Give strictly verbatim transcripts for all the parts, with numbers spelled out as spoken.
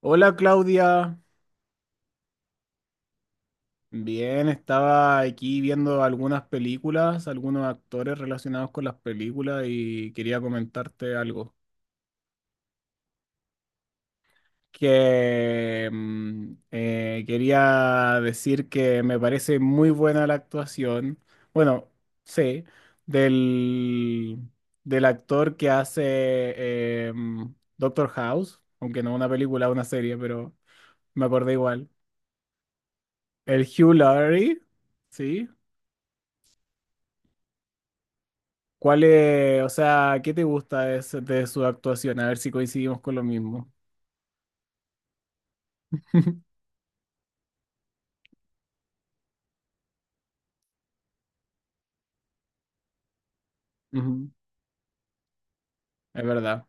Hola Claudia, bien, estaba aquí viendo algunas películas, algunos actores relacionados con las películas y quería comentarte algo. Que mm, eh, quería decir que me parece muy buena la actuación, bueno, sí, del, del actor que hace em, Doctor House, aunque no una película, una serie, pero me acordé igual. El Hugh Laurie, ¿sí? ¿Cuál es, o sea, qué te gusta de, su de su actuación? A ver si coincidimos con lo mismo. Ujú. Es verdad.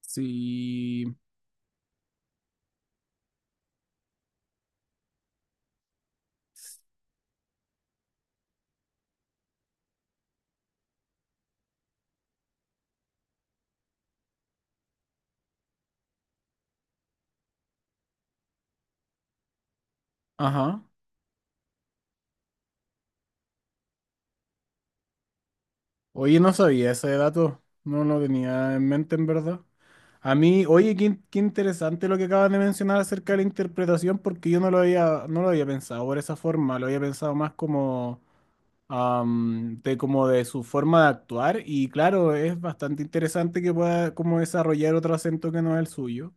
Sí. Ajá. Oye, no sabía ese dato. No lo tenía en mente, en verdad. A mí, oye, qué, in- qué interesante lo que acabas de mencionar acerca de la interpretación, porque yo no lo había, no lo había pensado por esa forma. Lo había pensado más como am, de como de su forma de actuar y claro, es bastante interesante que pueda como desarrollar otro acento que no es el suyo,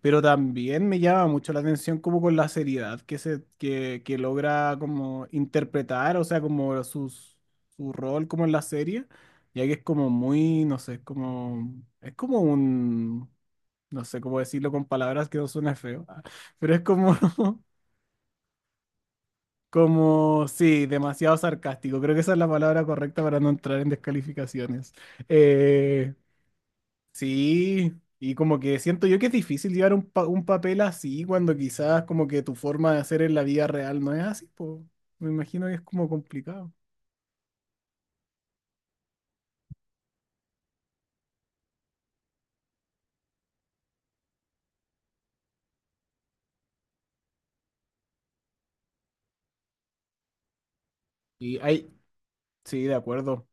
pero también me llama mucho la atención como con la seriedad que se que, que logra como interpretar, o sea, como sus- su rol como en la serie, ya que es como muy, no sé, es como es como un, no sé cómo decirlo con palabras que no suena feo, pero es como como, sí, demasiado sarcástico. Creo que esa es la palabra correcta para no entrar en descalificaciones. Eh, sí, y como que siento yo que es difícil llevar un, pa- un papel así cuando quizás como que tu forma de hacer en la vida real no es así, po. Me imagino que es como complicado. Y hay, sí, de acuerdo.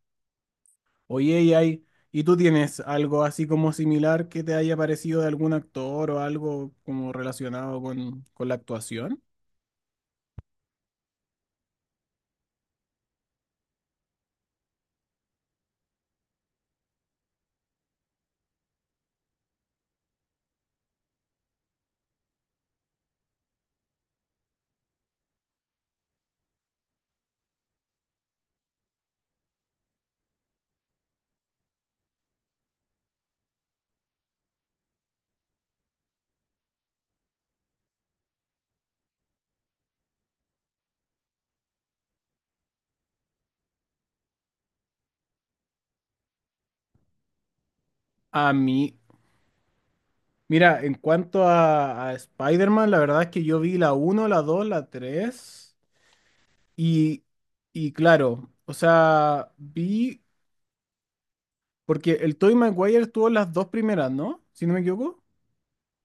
Oye, y hay, ¿y tú tienes algo así como similar que te haya parecido de algún actor o algo como relacionado con, con la actuación? A mí, mira, en cuanto a, a Spider-Man, la verdad es que yo vi la uno, la dos, la tres y, y claro, o sea, vi, porque el Tobey Maguire tuvo las dos primeras, ¿no? Si no me equivoco.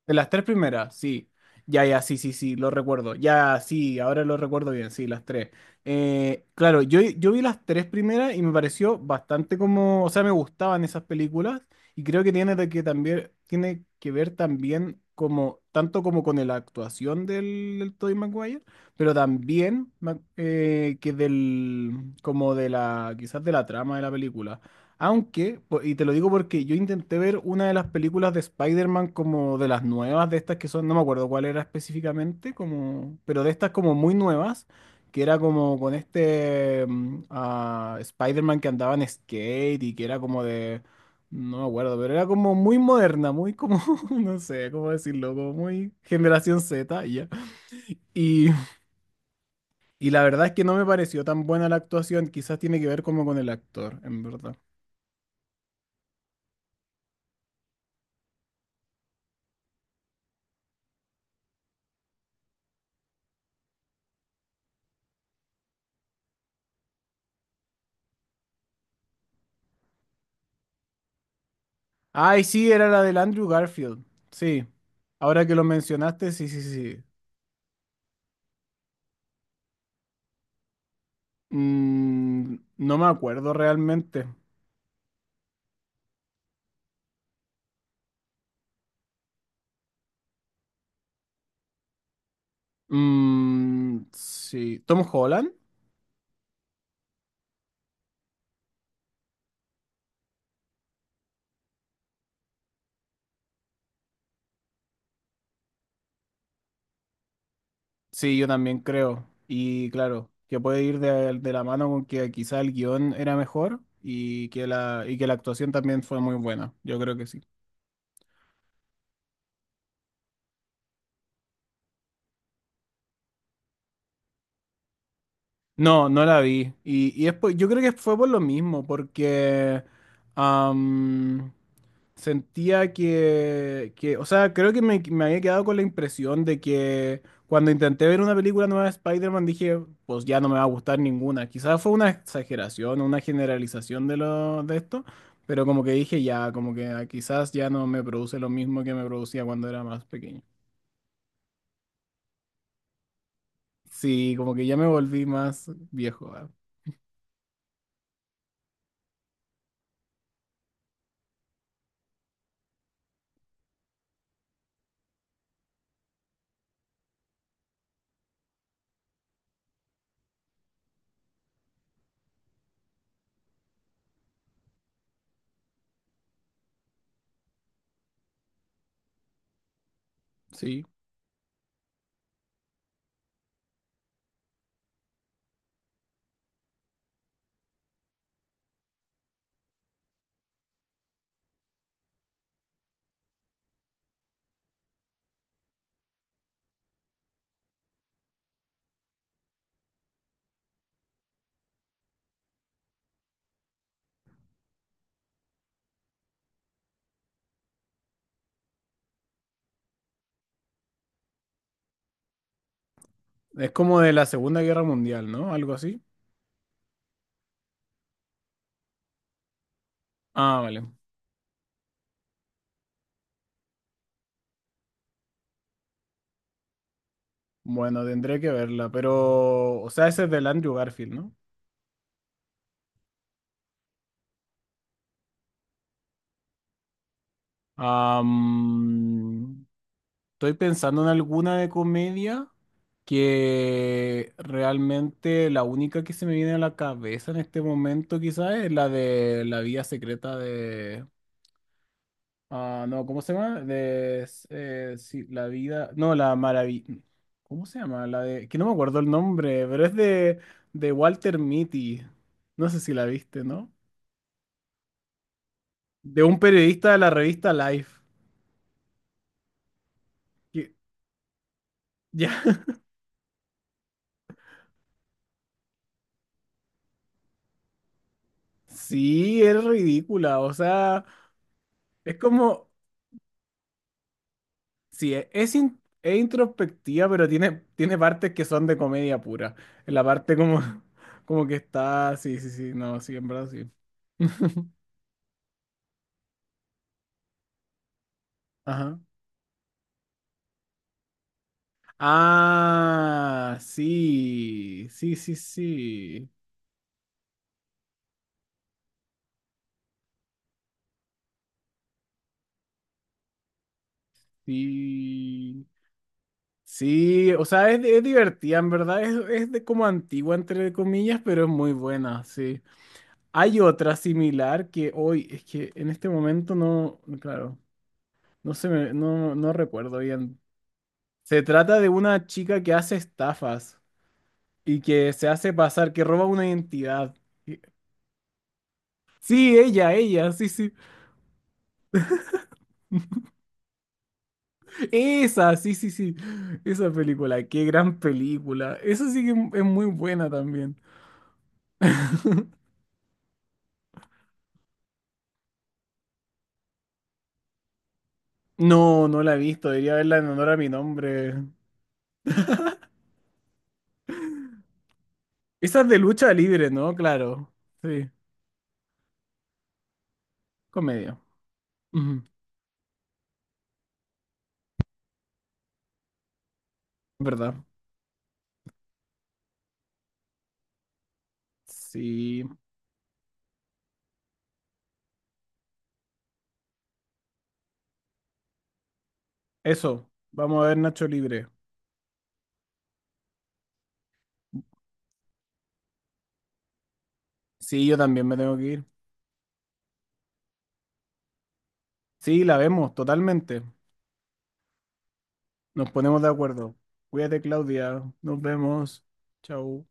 De las tres primeras, sí. Ya, ya, sí, sí, sí, lo recuerdo. Ya, sí, ahora lo recuerdo bien, sí, las tres. Eh, claro, yo, yo vi las tres primeras y me pareció bastante como, o sea, me gustaban esas películas y creo que tiene de que también, tiene que ver también como, tanto como con la actuación del, del Tobey Maguire, pero también ma- eh, que del, como de la, quizás de la trama de la película. Aunque, po- y te lo digo porque yo intenté ver una de las películas de Spider-Man como de las nuevas, de estas que son, no me acuerdo cuál era específicamente, como, pero de estas como muy nuevas, que era como con este mm, ah, Spider-Man que andaba en skate y que era como de, no me acuerdo, pero era como muy moderna, muy como, no sé cómo decirlo, como muy generación Z, y ya. Y, y la verdad es que no me pareció tan buena la actuación, quizás tiene que ver como con el actor, en verdad. Ay, sí, era la del Andrew Garfield. Sí. Ahora que lo mencionaste, sí, sí, sí. Mm, no me acuerdo realmente. Mm, sí. ¿Tom Holland? Sí, yo también creo. Y claro, que puede ir de, de la mano con que quizá el guión era mejor y que la, y que la actuación también fue muy buena. Yo creo que sí. No, no la vi. Y, y es por- yo creo que fue por lo mismo, porque am, sentía que, que, o sea, creo que me, me había quedado con la impresión de que cuando intenté ver una película nueva de Spider-Man dije, pues ya no me va a gustar ninguna. Quizás fue una exageración, una generalización de lo, de esto, pero como que dije ya, como que ah, quizás ya no me produce lo mismo que me producía cuando era más pequeño. Sí, como que ya me volví más viejo, ah, sí. Es como de la Segunda Guerra Mundial, ¿no? Algo así. Ah, vale. Bueno, tendré que verla, pero, o sea, ese es del Andrew Garfield, ¿no? Am, estoy pensando en alguna de comedia que realmente la única que se me viene a la cabeza en este momento quizás es la de La vida secreta de... ah, no, ¿cómo se llama? De... s- eh, sí, la vida... No, la maravilla... ¿Cómo se llama? La de... Que no me acuerdo el nombre, pero es de, de Walter Mitty. No sé si la viste, ¿no? De un periodista de la revista Life. Que- ya. Sí, es ridícula, o sea, es como, sí, e- es, in- es introspectiva, pero tiene, tiene partes que son de comedia pura. En la parte como, como que está, sí, sí, sí, no, sí, en verdad sí. Ajá. Ah, sí, sí, sí, sí, sí, sí, o sea, es, es divertida, en verdad, es, es de como antigua, entre comillas, pero es muy buena, sí. Hay otra similar que hoy, es que en este momento no, claro, no se me, no, no recuerdo bien. Se trata de una chica que hace estafas y que se hace pasar, que roba una identidad. Y- sí, ella, ella, sí, sí. Esa, sí, sí, sí. Esa película, qué gran película. Esa sí que es muy buena también. No, no la he visto, debería verla en honor a mi nombre. Esa es de lucha libre, ¿no? Claro. Sí, comedia. Ujú, ¿verdad? Sí, eso. Vamos a ver Nacho Libre. Sí, yo también me tengo que ir. Sí, la vemos, totalmente. Nos ponemos de acuerdo. Cuídate, Claudia. Nos vemos. Chau.